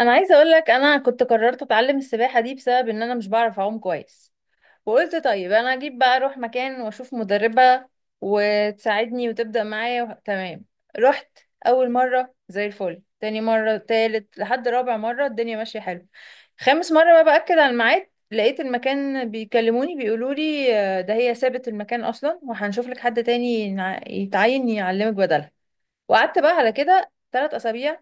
انا عايزه اقول لك، انا كنت قررت اتعلم السباحه دي بسبب ان انا مش بعرف اعوم كويس. وقلت طيب انا اجيب بقى اروح مكان واشوف مدربه وتساعدني وتبدا معايا تمام. رحت اول مره زي الفل، تاني مره، تالت، لحد رابع مره الدنيا ماشيه حلو. خامس مره بقى باكد على الميعاد لقيت المكان بيكلموني بيقولوا لي: آه، ده هي سابت المكان اصلا وهنشوف لك حد تاني يتعين يعلمك بدلها. وقعدت بقى على كده 3 اسابيع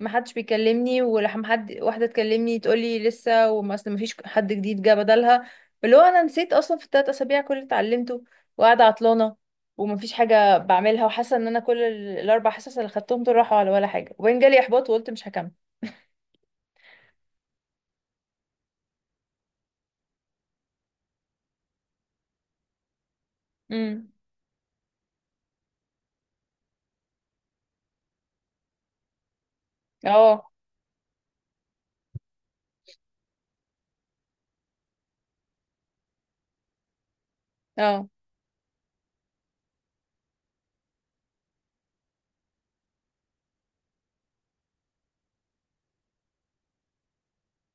ما حدش بيكلمني، ولما حد واحده تكلمني تقول لي لسه، وما اصل ما فيش حد جديد جه بدلها. اللي هو انا نسيت اصلا في ال3 اسابيع كل اللي اتعلمته، وقاعده عطلانه وما فيش حاجه بعملها، وحاسه ان انا كل ال4 حصص اللي خدتهم دول راحوا على ولا حاجه، وبعدين جالي احباط وقلت مش هكمل. امم. اه. اه.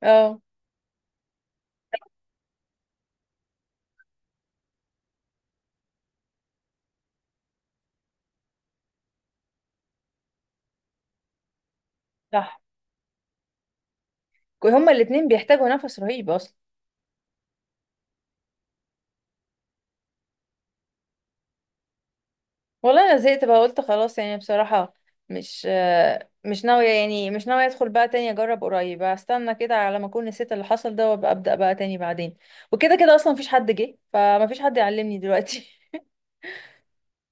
اه. صح. هما الاتنين بيحتاجوا نفس رهيب اصلا. والله انا زهقت بقى، قلت خلاص يعني بصراحة. مش ناوية، يعني مش ناوية ادخل بقى تاني اجرب قريب، استنى كده على ما اكون نسيت اللي حصل ده وابقى ابدأ بقى تاني بعدين. وكده كده اصلا مفيش حد جه، فمفيش حد يعلمني دلوقتي.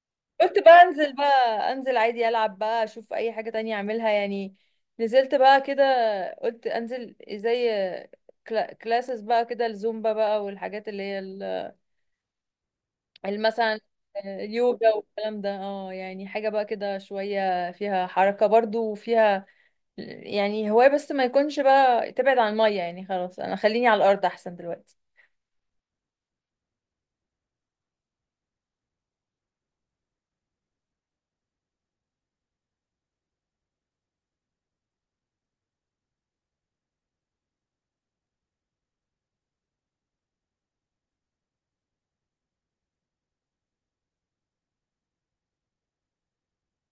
قلت بقى انزل بقى. انزل عادي العب بقى، اشوف اي حاجة تانية اعملها يعني. نزلت بقى كده، قلت انزل زي كلاسز بقى كده، الزومبا بقى والحاجات اللي هي، يعني مثلا اليوجا والكلام ده. اه، يعني حاجة بقى كده شوية فيها حركة برضو، وفيها يعني هواية، بس ما يكونش بقى تبعد عن المية. يعني خلاص انا خليني على الارض احسن دلوقتي.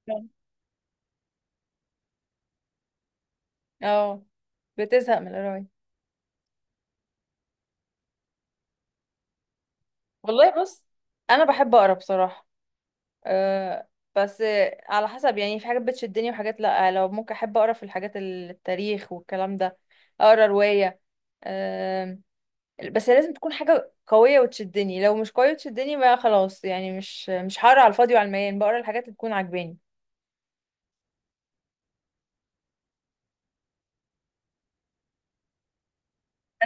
نعم. اه. بتزهق من القراية. والله بص، انا بحب اقرا بصراحة. أه. بس على حسب، يعني في حاجات بتشدني وحاجات لا. لو ممكن احب اقرا في الحاجات التاريخ والكلام ده، اقرا رواية. أه. بس لازم تكون حاجة قوية وتشدني. لو مش قوية وتشدني بقى خلاص يعني، مش هقرا على الفاضي، وعلى المليان بقرا الحاجات اللي تكون عاجباني.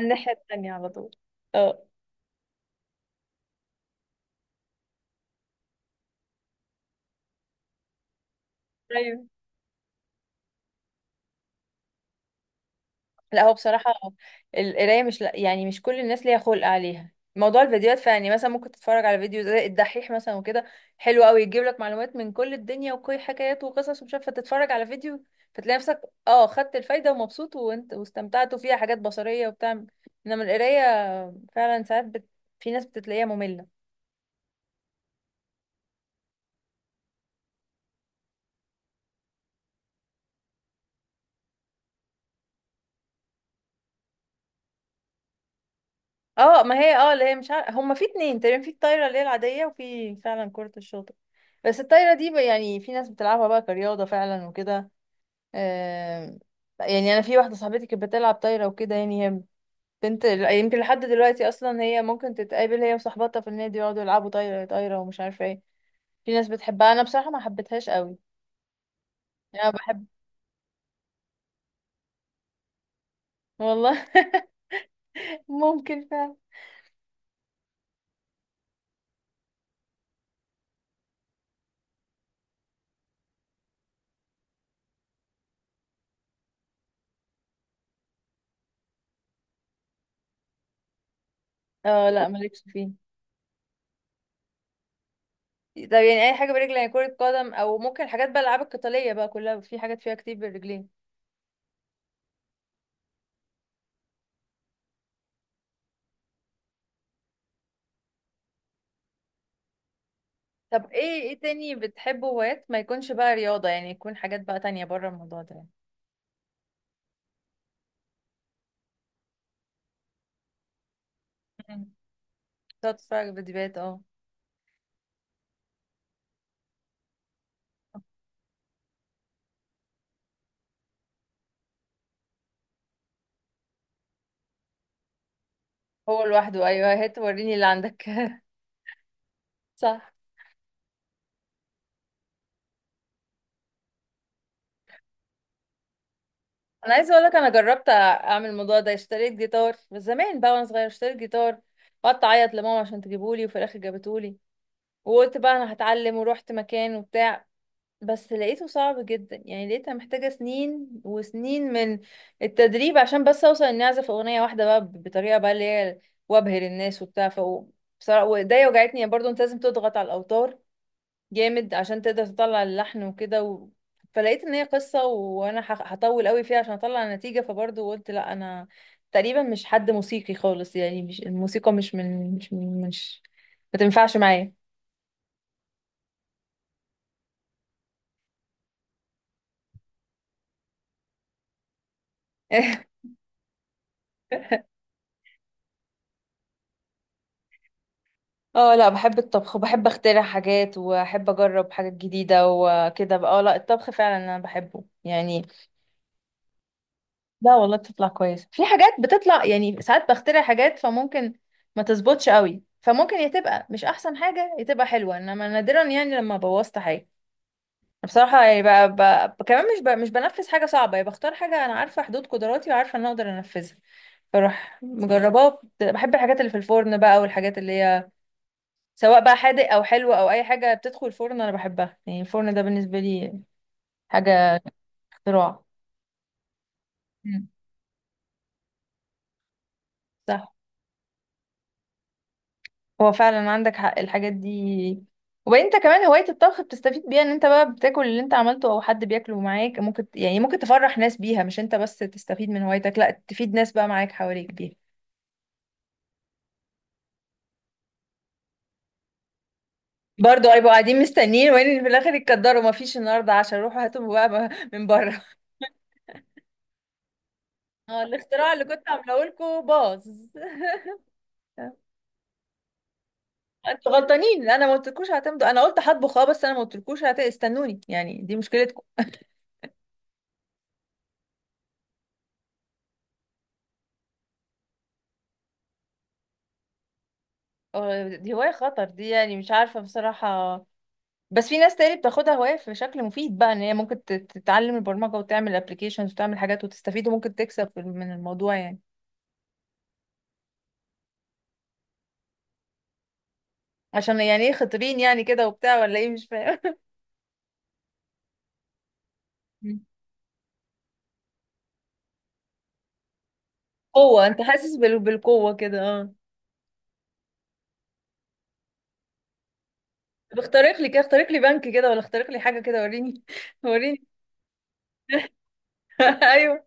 الناحية التانية على طول. اه. ايوه. لا هو بصراحة القراية، مش لا يعني مش كل الناس ليها خلق عليها. موضوع الفيديوهات فعلا، يعني مثلا ممكن تتفرج على فيديو زي الدحيح مثلا وكده. حلو قوي، يجيب لك معلومات من كل الدنيا وكل حكايات وقصص، ومش عارفة. تتفرج على فيديو فتلاقي نفسك، اه، خدت الفايدة ومبسوط، وانت واستمتعت، وفيها حاجات بصرية وبتاع. انما القراية فعلا ساعات في ناس بتلاقيها مملة. اه، ما هي اه اللي هي مش عارفه، هما في اتنين تقريبا، في الطايره اللي هي العاديه، وفي فعلا كره الشاطئ. بس الطايره دي يعني في ناس بتلعبها بقى كرياضه فعلا وكده. آم، يعني انا في واحده صاحبتي كانت بتلعب طايره وكده، يعني هي بنت، يمكن لحد دلوقتي اصلا هي ممكن تتقابل هي وصاحبتها في النادي يقعدوا يلعبوا طايره طايره ومش عارفه ايه. في ناس بتحبها، انا بصراحه ما حبيتهاش قوي. انا بحب. والله. ممكن فعلا. اه لا، مالكش فيه. طب يعني اي حاجه برجل، يعني كره قدم، او ممكن حاجات بقى الالعاب القتاليه بقى كلها في حاجات فيها كتير بالرجلين. طب ايه، ايه تاني بتحبه هوايات ما يكونش بقى رياضه، يعني يكون حاجات بقى تانية بره الموضوع ده يعني. مم. تقعد تتفرج فيديوهات. اه، هو لوحده، ايوه، هات وريني اللي عندك. صح. انا عايزه اقول لك، انا جربت اعمل الموضوع ده، اشتريت جيتار بس زمان بقى، وانا صغيره اشتريت جيتار وقعدت اعيط لماما عشان تجيبهولي، وفي الاخر جابتهولي. وقلت بقى انا هتعلم، ورحت مكان وبتاع. بس لقيته صعب جدا، يعني لقيتها محتاجة سنين وسنين من التدريب، عشان بس اوصل اني اعزف اغنية واحدة بقى بطريقة بقى اللي هي، وابهر الناس وبتاع. ف بصراحة، وايديا وجعتني برضه، انت لازم تضغط على الاوتار جامد عشان تقدر تطلع اللحن وكده. و... فلقيت ان هي قصة، وانا هطول قوي فيها عشان اطلع نتيجة، فبرضه قلت لا، انا تقريبا مش حد موسيقي خالص، يعني مش الموسيقى، مش من مش من مش ما تنفعش معايا. اه لا، بحب الطبخ، وبحب اخترع حاجات، واحب اجرب حاجات جديدة وكده بقى. اه لا، الطبخ فعلا انا بحبه يعني. لا والله بتطلع كويس، في حاجات بتطلع يعني ساعات، بخترع حاجات فممكن ما تظبطش قوي، فممكن يا تبقى مش احسن حاجة يا تبقى حلوة، انما نادرا يعني لما بوظت حاجة بصراحة يعني. بقى كمان مش بنفذ حاجة صعبة، يعني بختار حاجة انا عارفة حدود قدراتي، وعارفة ان أنا اقدر انفذها. بروح مجرباه، بحب الحاجات اللي في الفرن بقى، والحاجات اللي هي سواء بقى حادق او حلو او اي حاجه بتدخل الفرن انا بحبها. يعني الفرن ده بالنسبه لي حاجه اختراع. مم. صح. هو فعلا عندك حق، الحاجات دي. وبعدين انت كمان هوايه الطبخ بتستفيد بيها، ان انت بقى بتاكل اللي انت عملته او حد بياكله معاك، ممكن يعني ممكن تفرح ناس بيها، مش انت بس تستفيد من هوايتك، لا، تفيد ناس بقى معاك حواليك بيها. برضه هيبقوا قاعدين مستنيين، وين في الاخر يتقدروا ما فيش النهارده، عشان روحوا هاتوا بقى من بره. اه، الاختراع اللي كنت عاملاه لكم باظ. انتوا غلطانين، انا ما قلتلكوش هتمضوا، انا قلت هطبخ اه، بس انا ما قلتلكوش استنوني، يعني دي مشكلتكم. آه، دي هواية خطر دي، يعني مش عارفة بصراحة. بس في ناس تاني بتاخدها هواية في شكل مفيد بقى، ان هي ممكن تتعلم البرمجة وتعمل ابلكيشنز وتعمل حاجات وتستفيد، وممكن تكسب من الموضوع يعني. عشان يعني ايه؟ خطيبين يعني كده وبتاع، ولا ايه؟ مش فاهم. قوة؟ انت حاسس بالقوة كده؟ اه. طب اخترق لي كده، اخترق لي بنك كده، ولا اخترق لي حاجة كده، وريني. وريني. ايوه.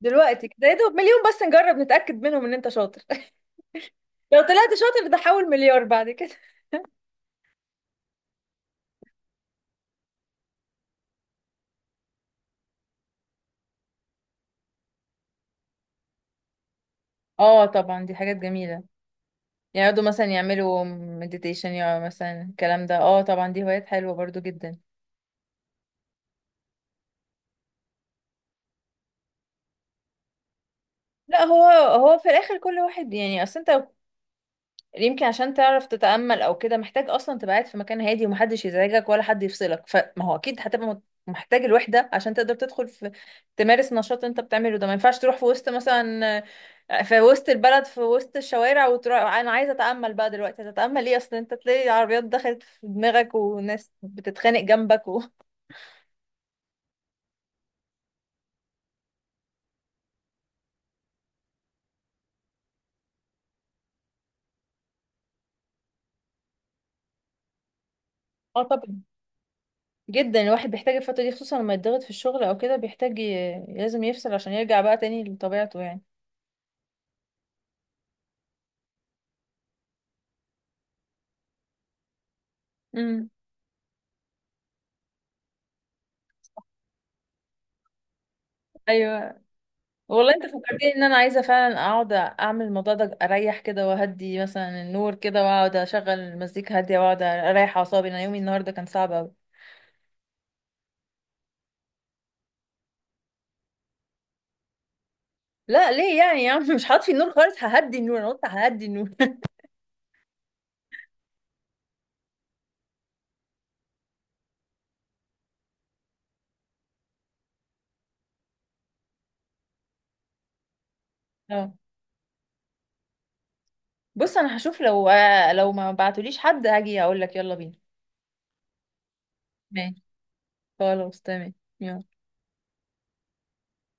دلوقتي كده يا دوب مليون، بس نجرب نتأكد منهم ان انت شاطر. لو طلعت شاطر ده، حول مليار بعد كده. اه طبعا، دي حاجات جميلة. يقعدوا مثلا يعملوا مديتيشن، يا مثلا الكلام ده. اه طبعا، دي هوايات حلوة برضو جدا. لا، هو هو في الاخر كل واحد يعني. اصل انت يمكن عشان تعرف تتأمل او كده، محتاج اصلا تبقى قاعد في مكان هادي ومحدش يزعجك ولا حد يفصلك، فما هو اكيد هتبقى محتاج الوحدة، عشان تقدر تدخل في، تمارس نشاط انت بتعمله ده. ما ينفعش تروح في وسط مثلا، في وسط البلد، في وسط الشوارع، وتروح انا عايزة اتأمل بقى دلوقتي. هتتأمل ايه اصلا؟ انت تلاقي عربيات دخلت في دماغك، وناس بتتخانق جنبك اه طبعا، جدا الواحد بيحتاج الفترة دي، خصوصا لما يتضغط في الشغل او كده، بيحتاج لازم يفصل عشان يرجع بقى تاني لطبيعته يعني. امم. ايوه. والله انت فكرتني ان انا عايزه فعلا اقعد اعمل الموضوع ده، اريح كده، واهدي مثلا النور كده، واقعد اشغل مزيكا هاديه، واقعد اريح اعصابي. انا يومي النهارده كان صعب قوي. لا ليه يعني يا عم؟ مش هطفي النور خالص، ههدي النور، انا قلت ههدي النور. اه. بص انا هشوف، لو ما بعتوليش حد هاجي اقول لك يلا بينا. ماشي خلاص تمام. يلا.